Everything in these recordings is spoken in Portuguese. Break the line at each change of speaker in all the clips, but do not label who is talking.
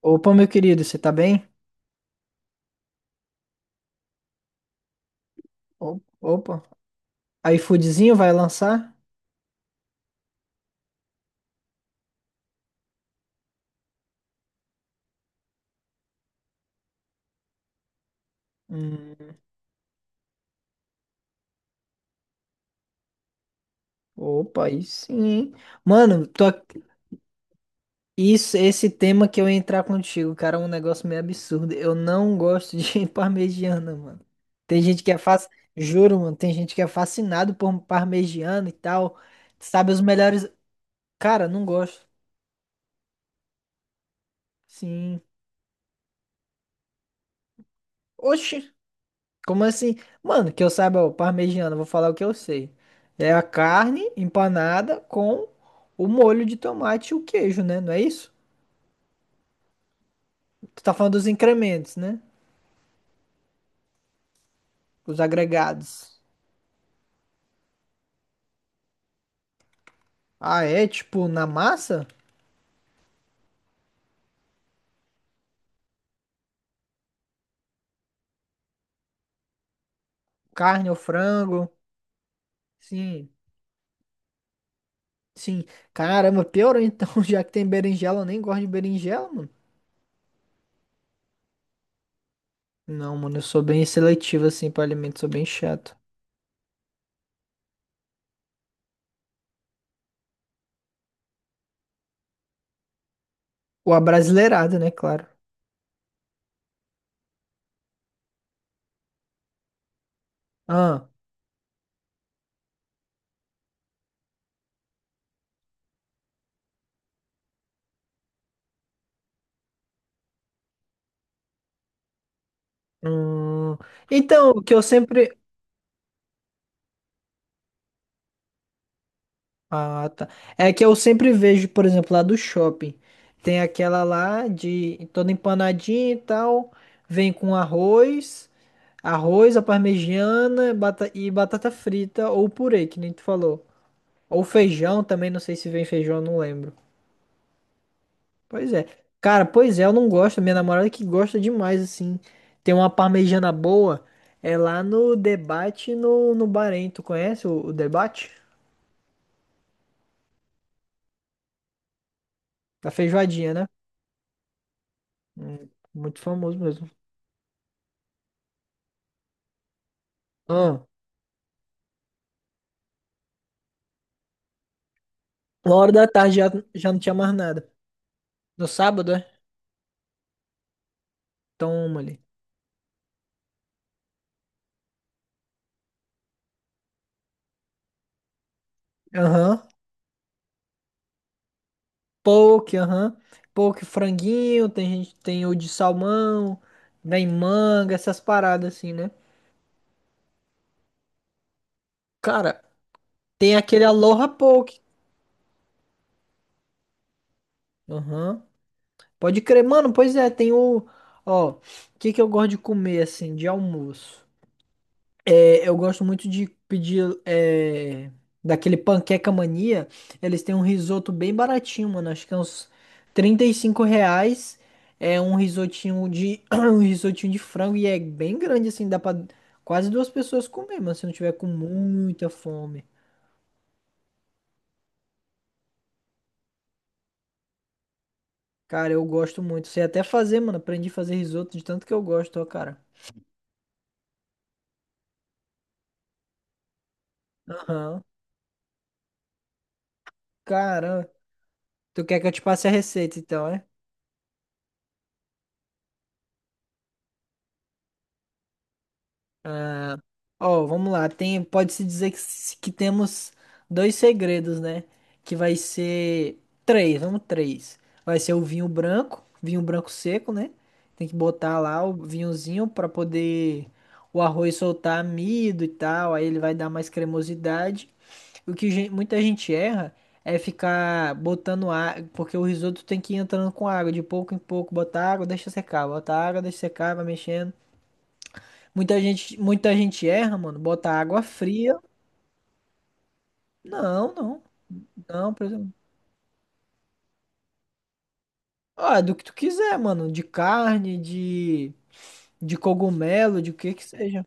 Opa, meu querido, você tá bem? Opa, iFoodzinho vai lançar? Hum, opa, aí sim. Hein? Mano, tô... isso, esse tema que eu ia entrar contigo, cara, é um negócio meio absurdo. Eu não gosto de parmegiana, mano. Tem gente que é fácil, juro, mano, tem gente que é fascinado por parmegiana e tal. Sabe os melhores. Cara, não gosto. Sim. Oxi. Como assim? Mano, que eu saiba, o parmegiana, vou falar o que eu sei. É a carne empanada com o molho de tomate e o queijo, né? Não é isso? Tu tá falando dos incrementos, né? Os agregados. Ah, é? Tipo, na massa? Carne ou frango? Sim, sim. Caramba, piorou então, já que tem berinjela, eu nem gosto de berinjela, mano. Não, mano, eu sou bem seletivo assim pra alimentos, sou bem chato. Ou abrasileirado, né? Claro. Ah, hum. Então, o que eu sempre. Ah, tá. É que eu sempre vejo, por exemplo, lá do shopping. Tem aquela lá de toda empanadinha e tal. Vem com arroz, arroz, a parmegiana e batata frita ou purê, que nem tu falou. Ou feijão também, não sei se vem feijão, não lembro. Pois é. Cara, pois é, eu não gosto. Minha namorada que gosta demais, assim. Tem uma parmegiana boa. É lá no Debate no Bahrein. Tu conhece o Debate? Da feijoadinha, né? Hum, muito famoso mesmo. Ah, uma hora da tarde já, já não tinha mais nada. No sábado, é? Toma ali. Aham. Poke, aham. Poke, franguinho, tem gente, tem o de salmão, vem manga, essas paradas assim, né? Cara, tem aquele Aloha Poke. Aham. Pode crer, mano, pois é, tem o. Ó, o que que eu gosto de comer assim, de almoço? Eu gosto muito de pedir daquele Panqueca Mania. Eles têm um risoto bem baratinho, mano. Acho que é uns R$ 35. É um risotinho de um risotinho de frango e é bem grande assim, dá pra quase duas pessoas comer, mano, se não tiver com muita fome. Cara, eu gosto muito. Sei até fazer, mano. Aprendi a fazer risoto de tanto que eu gosto, ó, cara. Aham. Cara, tu quer que eu te passe a receita então, é? Ah, ó, vamos lá. Tem, pode-se dizer que temos dois segredos, né? Que vai ser três, vamos três. Vai ser o vinho branco seco, né? Tem que botar lá o vinhozinho para poder o arroz soltar amido e tal. Aí ele vai dar mais cremosidade. Muita gente erra é ficar botando água, porque o risoto tem que ir entrando com água, de pouco em pouco, botar água, deixa secar, botar água, deixa secar, vai mexendo. Muita gente erra, mano. Botar água fria. Não, não, não, por exemplo. Ah, é do que tu quiser, mano. De carne, de cogumelo, de o que que seja.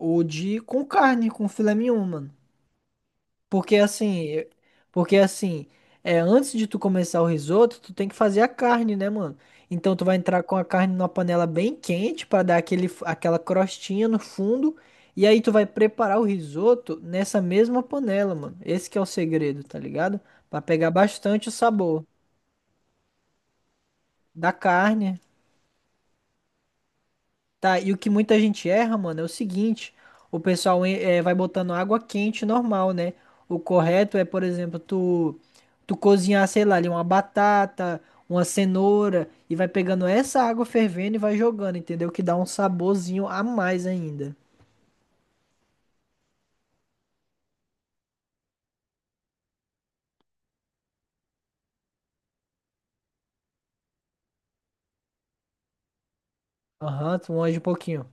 Ou de com carne, com filé mignon, mano. Porque assim, porque assim, é, antes de tu começar o risoto, tu tem que fazer a carne, né, mano? Então tu vai entrar com a carne numa panela bem quente pra dar aquela crostinha no fundo, e aí tu vai preparar o risoto nessa mesma panela, mano. Esse que é o segredo, tá ligado? Pra pegar bastante o sabor da carne. Tá, e o que muita gente erra, mano, é o seguinte: o pessoal vai botando água quente normal, né? O correto é, por exemplo, tu cozinhar, sei lá, ali uma batata, uma cenoura, e vai pegando essa água fervendo e vai jogando, entendeu? Que dá um saborzinho a mais ainda. Aham, tu manja um pouquinho.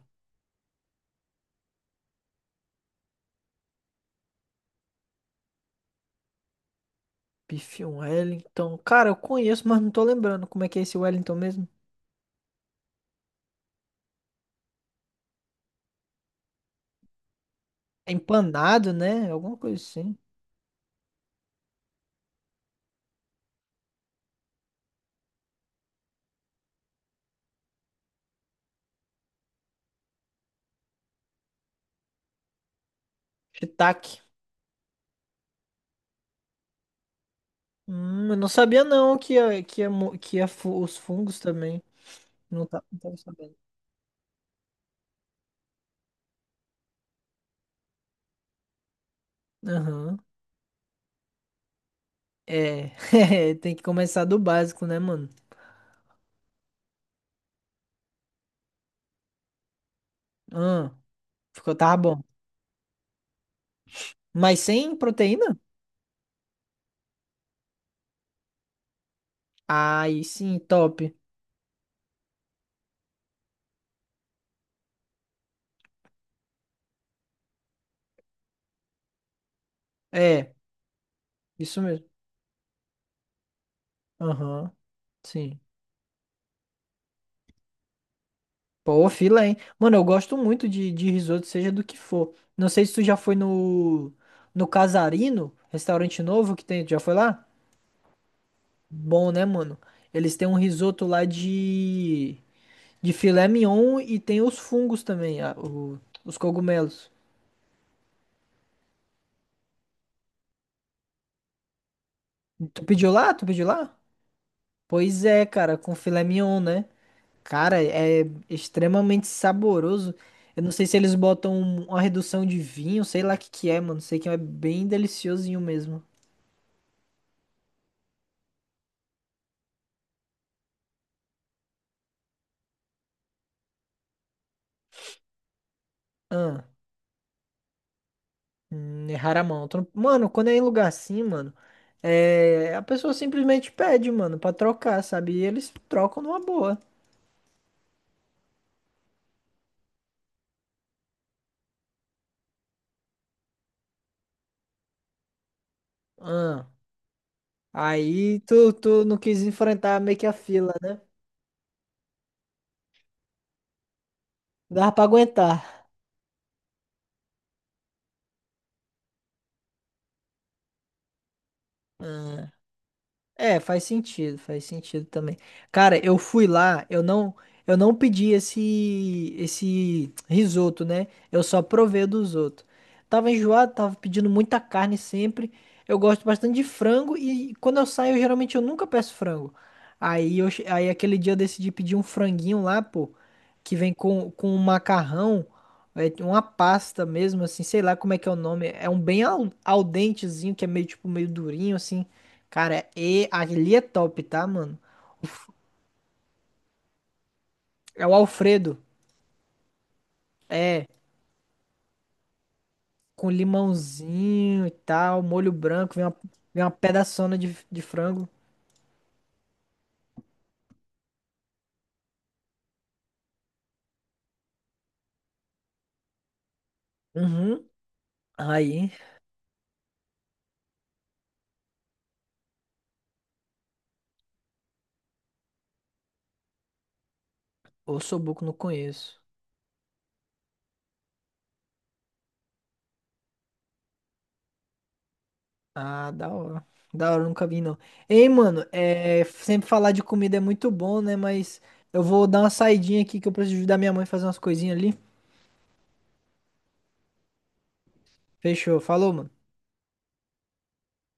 Bife um Wellington. Cara, eu conheço, mas não tô lembrando como é que é esse Wellington mesmo. É empanado, né? Alguma coisa assim. Shiitake. Eu não sabia não que ia, os fungos também. Não tá, não tava sabendo. Aham. É. É, tem que começar do básico, né, mano? Ah, ficou, tá bom. Mas sem proteína? Aí sim, top. É, isso mesmo. Aham, sim. Pô, fila, hein? Mano, eu gosto muito de risoto, seja do que for. Não sei se tu já foi no Casarino, restaurante novo que tem. Tu já foi lá? Bom, né, mano? Eles têm um risoto lá de. De filé mignon e tem os fungos também, os cogumelos. Tu pediu lá? Tu pediu lá? Pois é, cara, com filé mignon, né? Cara, é extremamente saboroso. Eu não sei se eles botam uma redução de vinho, sei lá o que que é, mano. Sei que é bem deliciosinho mesmo. Ah, errar a Tu não- Mano, quando é em lugar assim, mano, é... a pessoa simplesmente pede, mano, pra trocar, sabe? E eles trocam numa boa. Ah. Aí tu, tu não quis enfrentar meio que a fila, né? Dava pra aguentar. Ah, é, faz sentido também. Cara, eu fui lá, eu não pedi esse, esse risoto, né? Eu só provei o dos outros. Tava enjoado, tava pedindo muita carne sempre. Eu gosto bastante de frango e quando eu saio, geralmente eu nunca peço frango. Aí, aquele dia eu decidi pedir um franguinho lá, pô, que vem com um macarrão, é, uma pasta mesmo, assim, sei lá como é que é o nome. É um bem al dentezinho, que é meio tipo meio durinho, assim. Cara, é, e ali é top, tá, mano? O f- É o Alfredo. É, com limãozinho e tal, molho branco, vem uma pedaçona de frango. Uhum. Aí, o Sobuco não conheço. Ah, da hora. Da hora, nunca vi, não. Ei, mano, é, sempre falar de comida é muito bom, né? Mas eu vou dar uma saidinha aqui que eu preciso ajudar minha mãe a fazer umas coisinhas ali. Fechou, falou, mano.